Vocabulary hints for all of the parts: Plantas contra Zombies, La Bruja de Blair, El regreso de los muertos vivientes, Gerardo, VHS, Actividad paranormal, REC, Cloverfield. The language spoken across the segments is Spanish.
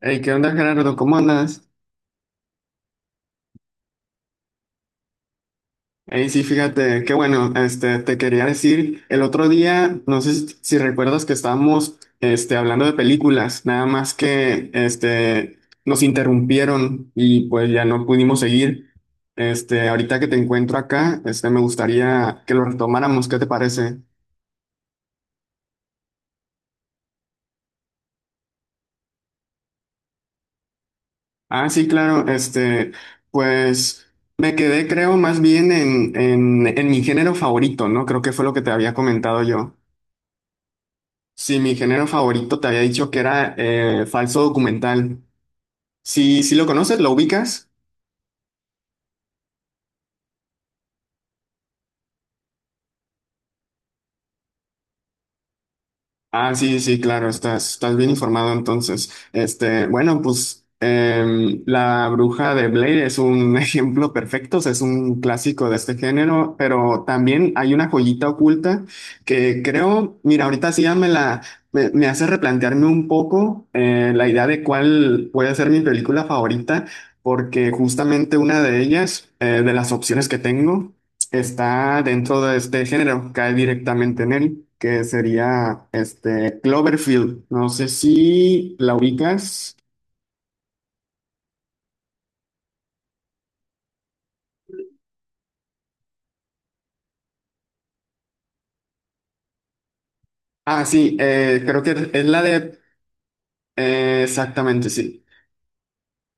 Hey, ¿qué onda, Gerardo? ¿Cómo andas? Hey, sí, fíjate, qué bueno, te quería decir, el otro día, no sé si recuerdas que estábamos, hablando de películas, nada más que, nos interrumpieron y pues ya no pudimos seguir. Ahorita que te encuentro acá, me gustaría que lo retomáramos, ¿qué te parece? Ah, sí, claro, pues me quedé, creo, más bien en, en mi género favorito, ¿no? Creo que fue lo que te había comentado yo. Sí, mi género favorito te había dicho que era falso documental. Sí, sí lo conoces, lo ubicas. Ah, sí, sí, claro, estás bien informado entonces. Este, bueno, pues La Bruja de Blair es un ejemplo perfecto, o sea, es un clásico de este género, pero también hay una joyita oculta que creo, mira, ahorita sí ya me la, me hace replantearme un poco la idea de cuál puede ser mi película favorita, porque justamente una de ellas, de las opciones que tengo, está dentro de este género, cae directamente en él, que sería este Cloverfield. No sé si la ubicas. Ah, sí, creo que es la de exactamente, sí.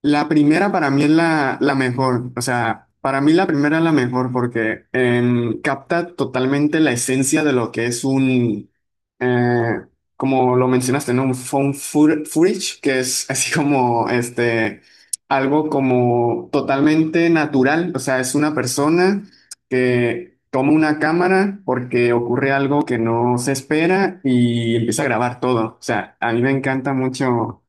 La primera para mí es la mejor, o sea, para mí la primera es la mejor porque capta totalmente la esencia de lo que es un, eh, como lo mencionaste, ¿no? Un found footage, que es así como, algo como totalmente natural, o sea, es una persona que toma una cámara porque ocurre algo que no se espera y empieza a grabar todo, o sea, a mí me encanta mucho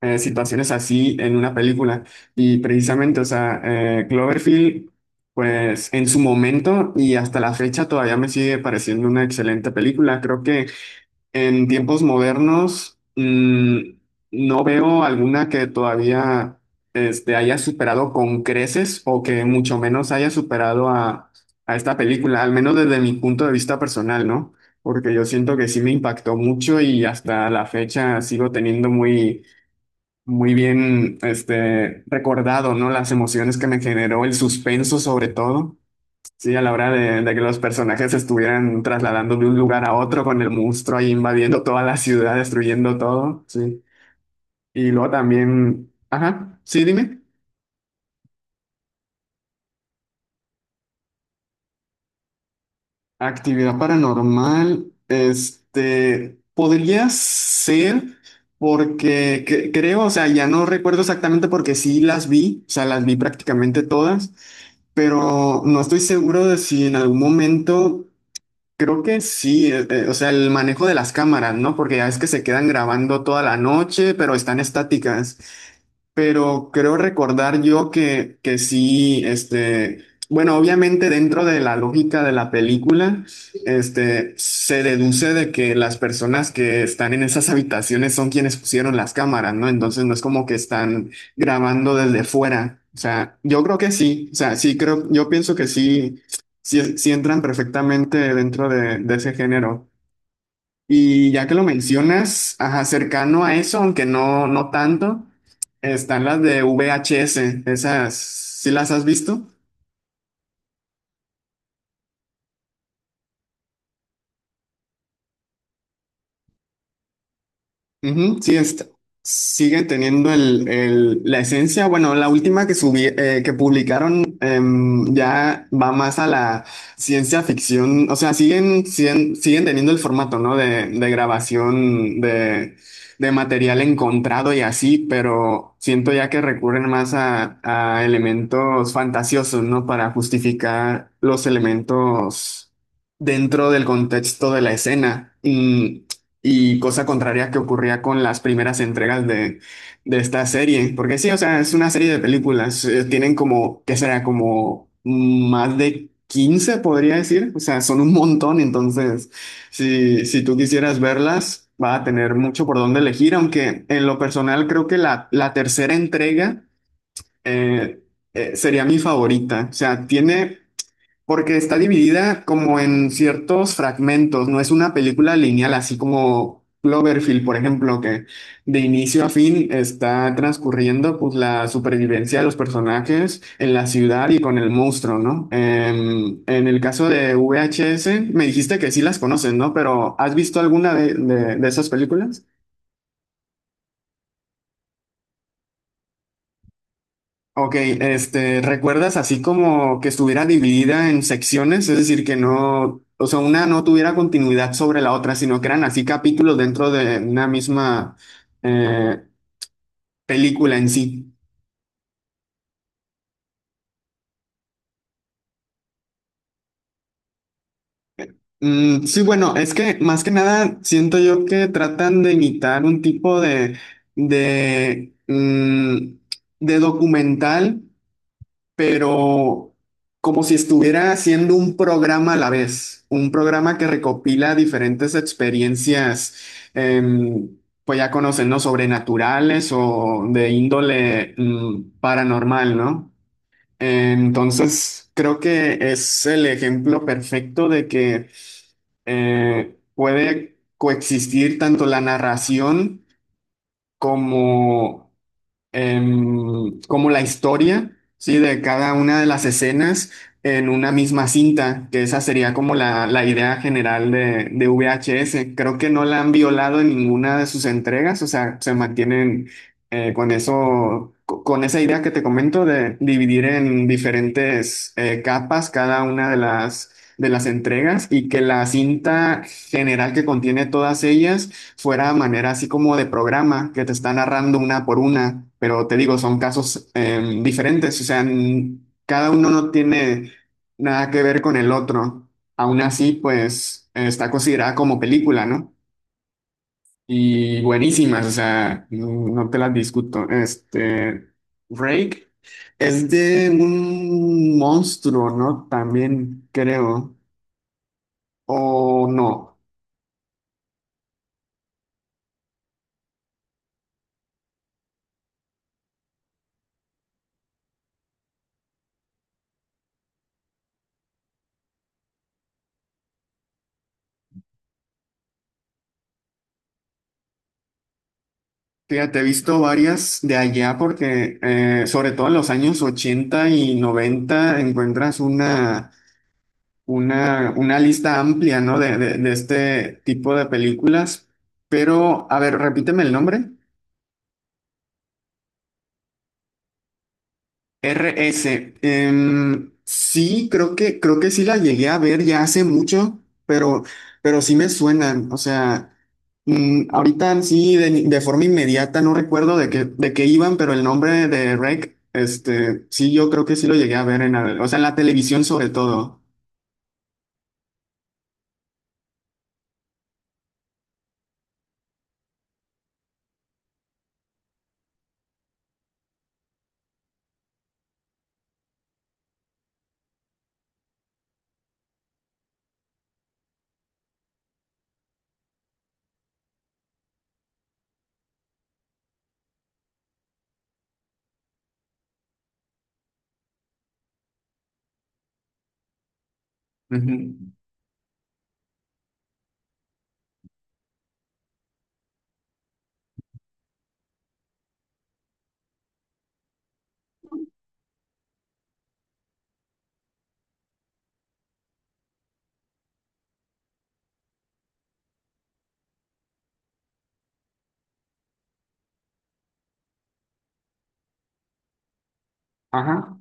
situaciones así en una película. Y precisamente, o sea, Cloverfield, pues en su momento y hasta la fecha todavía me sigue pareciendo una excelente película. Creo que en tiempos modernos no veo alguna que todavía haya superado con creces o que mucho menos haya superado a esta película, al menos desde mi punto de vista personal, ¿no? Porque yo siento que sí me impactó mucho y hasta la fecha sigo teniendo muy muy bien, recordado, ¿no? Las emociones que me generó el suspenso, sobre todo, sí, a la hora de que los personajes se estuvieran trasladando de un lugar a otro con el monstruo ahí invadiendo toda la ciudad, destruyendo todo, sí. Y luego también, ajá, sí, dime. Actividad paranormal, podría ser porque creo, o sea, ya no recuerdo exactamente porque sí las vi, o sea, las vi prácticamente todas. Pero no estoy seguro de si en algún momento, creo que sí, o sea, el manejo de las cámaras, ¿no? Porque ya es que se quedan grabando toda la noche, pero están estáticas. Pero creo recordar yo que sí, bueno, obviamente dentro de la lógica de la película, se deduce de que las personas que están en esas habitaciones son quienes pusieron las cámaras, ¿no? Entonces no es como que están grabando desde fuera. O sea, yo creo que sí, o sea, sí creo, yo pienso que sí, sí, sí entran perfectamente dentro de ese género. Y ya que lo mencionas, ajá, cercano a eso, aunque no, no tanto, están las de VHS, esas, ¿sí las has visto? Ujú, sí, siguen teniendo la esencia. Bueno, la última que subí, que publicaron ya va más a la ciencia ficción. O sea, siguen teniendo el formato, ¿no? De grabación de material encontrado y así, pero siento ya que recurren más a elementos fantasiosos, ¿no? Para justificar los elementos dentro del contexto de la escena. Y cosa contraria que ocurría con las primeras entregas de esta serie. Porque sí, o sea, es una serie de películas. Tienen como, ¿qué será? Como más de 15 podría decir. O sea, son un montón. Entonces, si tú quisieras verlas, va a tener mucho por dónde elegir. Aunque en lo personal creo que la tercera entrega eh, sería mi favorita. O sea, tiene porque está dividida como en ciertos fragmentos, no es una película lineal, así como Cloverfield, por ejemplo, que de inicio a fin está transcurriendo pues la supervivencia de los personajes en la ciudad y con el monstruo, ¿no? Em, en el caso de VHS, me dijiste que sí las conoces, ¿no? Pero ¿has visto alguna de, de esas películas? Ok, ¿recuerdas así como que estuviera dividida en secciones? Es decir, que no, o sea, una no tuviera continuidad sobre la otra, sino que eran así capítulos dentro de una misma eh, película en sí. Mm, sí, bueno, es que más que nada siento yo que tratan de imitar un tipo de, mm, de documental pero como si estuviera haciendo un programa a la vez, un programa que recopila diferentes experiencias, em, pues ya conocen, ¿no? Sobrenaturales o de índole paranormal, ¿no? Entonces, creo que es el ejemplo perfecto de que puede coexistir tanto la narración como como la historia, ¿sí? De cada una de las escenas en una misma cinta, que esa sería como la idea general de VHS. Creo que no la han violado en ninguna de sus entregas, o sea, se mantienen con eso, con esa idea que te comento de dividir en diferentes capas cada una de las entregas y que la cinta general que contiene todas ellas fuera manera así como de programa que te está narrando una por una, pero te digo, son casos diferentes, o sea, cada uno no tiene nada que ver con el otro. Aún así, pues está considerada como película, ¿no? Y buenísimas, o sea, no, no te las discuto. Rake es de un monstruo, ¿no? También creo, o no. Fíjate, he visto varias de allá porque sobre todo en los años 80 y 90 encuentras una lista amplia, ¿no? de, de este tipo de películas. Pero, a ver, repíteme el nombre. RS. Sí, creo que, sí la llegué a ver ya hace mucho, pero, pero sí me suenan. O sea, ahorita sí, de forma inmediata no recuerdo de qué iban, pero el nombre de REC, sí, yo creo que sí lo llegué a ver en la, o sea, en la televisión sobre todo. Ujú. Ajá.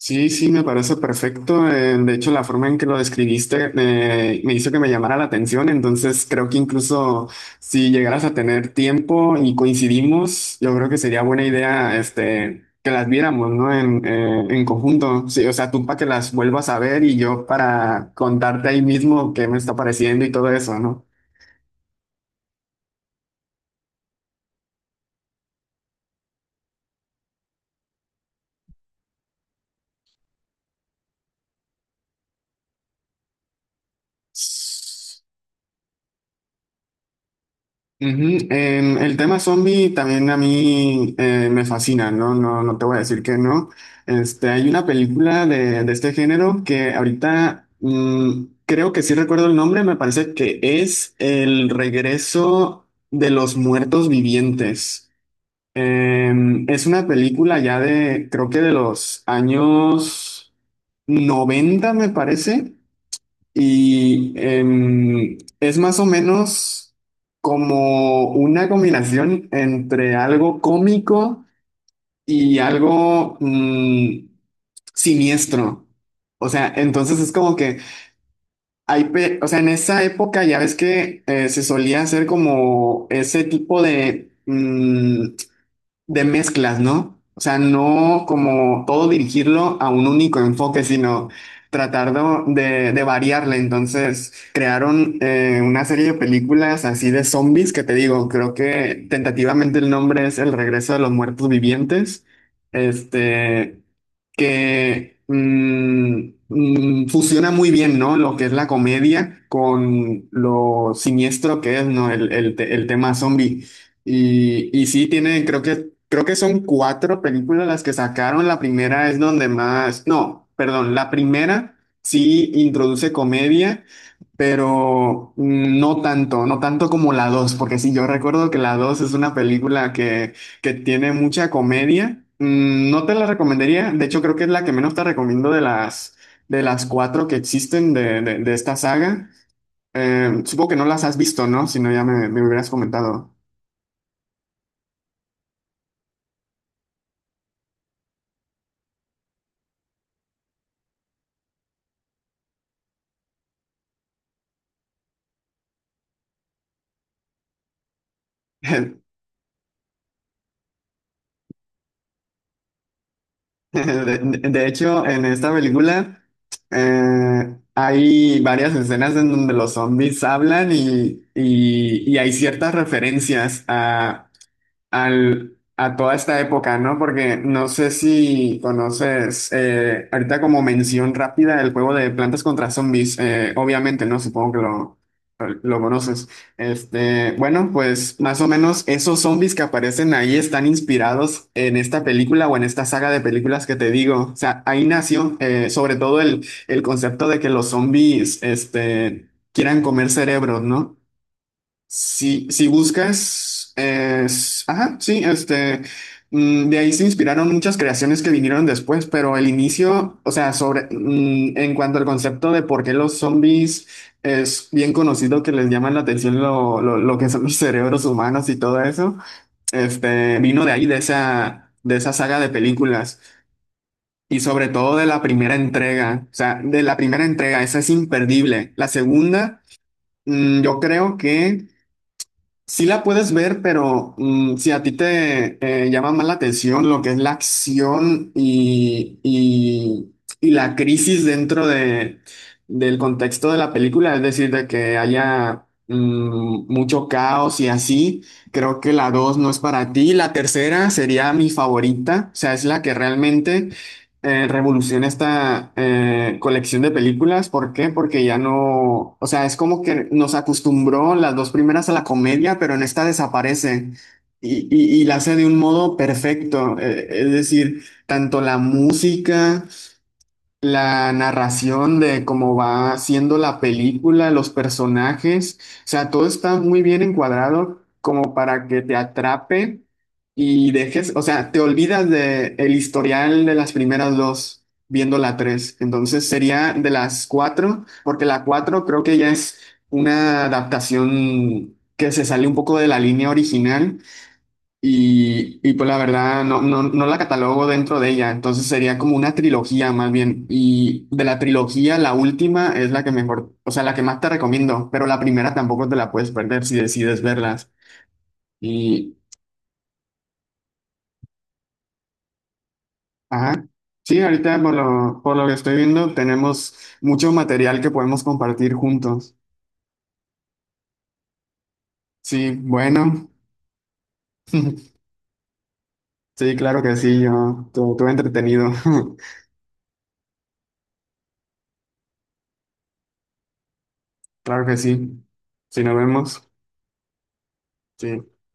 Sí, sí, me parece perfecto. De hecho, la forma en que lo describiste me hizo que me llamara la atención. Entonces, creo que incluso si llegaras a tener tiempo y coincidimos, yo creo que sería buena idea, que las viéramos, ¿no? En conjunto. Sí, o sea, tú para que las vuelvas a ver y yo para contarte ahí mismo qué me está pareciendo y todo eso, ¿no? Ujú, el tema zombie también a mí me fascina, ¿no? No, no te voy a decir que no. Hay una película de este género que ahorita creo que sí recuerdo el nombre, me parece que es El regreso de los muertos vivientes. Es una película ya de, creo que de los años 90 me parece. Y es más o menos como una combinación entre algo cómico y algo siniestro. O sea, entonces es como que hay, o sea, en esa época ya ves que se solía hacer como ese tipo de mezclas, ¿no? O sea, no como todo dirigirlo a un único enfoque, sino tratar de variarle. Entonces, crearon una serie de películas así de zombies que te digo, creo que tentativamente el nombre es El regreso de los muertos vivientes. Este que fusiona muy bien, ¿no? Lo que es la comedia con lo siniestro que es, ¿no? El, el tema zombie. Y sí, tiene, creo que son cuatro películas las que sacaron. La primera es donde más, no, perdón, la primera sí introduce comedia pero no tanto, no tanto como la 2 porque sí, yo recuerdo que la 2 es una película que tiene mucha comedia. No te la recomendaría, de hecho creo que es la que menos te recomiendo de las cuatro que existen de esta saga. Supongo que no las has visto, ¿no? Si no, ya me hubieras comentado. De hecho, en esta película hay varias escenas en donde los zombies hablan y hay ciertas referencias a toda esta época, ¿no? Porque no sé si conoces, ahorita como mención rápida, el juego de Plantas contra Zombies, obviamente, ¿no? Supongo que lo conoces. Este, bueno, pues más o menos esos zombies que aparecen ahí están inspirados en esta película o en esta saga de películas que te digo. O sea, ahí nació, sobre todo el concepto de que los zombies, quieran comer cerebros, ¿no? Si buscas, es, ajá, sí, de ahí se inspiraron muchas creaciones que vinieron después, pero el inicio, o sea, sobre, en cuanto al concepto de por qué los zombies es bien conocido que les llaman la atención lo que son los cerebros humanos y todo eso, vino de ahí, de esa saga de películas. Y sobre todo de la primera entrega, o sea, de la primera entrega, esa es imperdible. La segunda, yo creo que sí la puedes ver, pero si a ti te llama más la atención lo que es la acción y la crisis dentro del contexto de la película, es decir, de que haya mucho caos y así, creo que la dos no es para ti. La tercera sería mi favorita, o sea, es la que realmente revoluciona esta colección de películas. ¿Por qué? Porque ya no, o sea, es como que nos acostumbró las dos primeras a la comedia, pero en esta desaparece y la hace de un modo perfecto. Es decir, tanto la música la narración de cómo va siendo la película, los personajes, o sea, todo está muy bien encuadrado como para que te atrape y dejes, o sea, te olvidas de el historial de las primeras dos viendo la tres. Entonces sería de las cuatro, porque la cuatro creo que ya es una adaptación que se sale un poco de la línea original pues la verdad no, no, no la catalogo dentro de ella, entonces sería como una trilogía más bien. Y de la trilogía, la última es la que mejor, o sea, la que más te recomiendo, pero la primera tampoco te la puedes perder si decides verlas. Y, ajá, sí, ahorita por lo que estoy viendo tenemos mucho material que podemos compartir juntos. Sí, bueno, sí, claro que sí, yo, todo, todo entretenido, claro que sí. Si nos vemos, sí, adiós.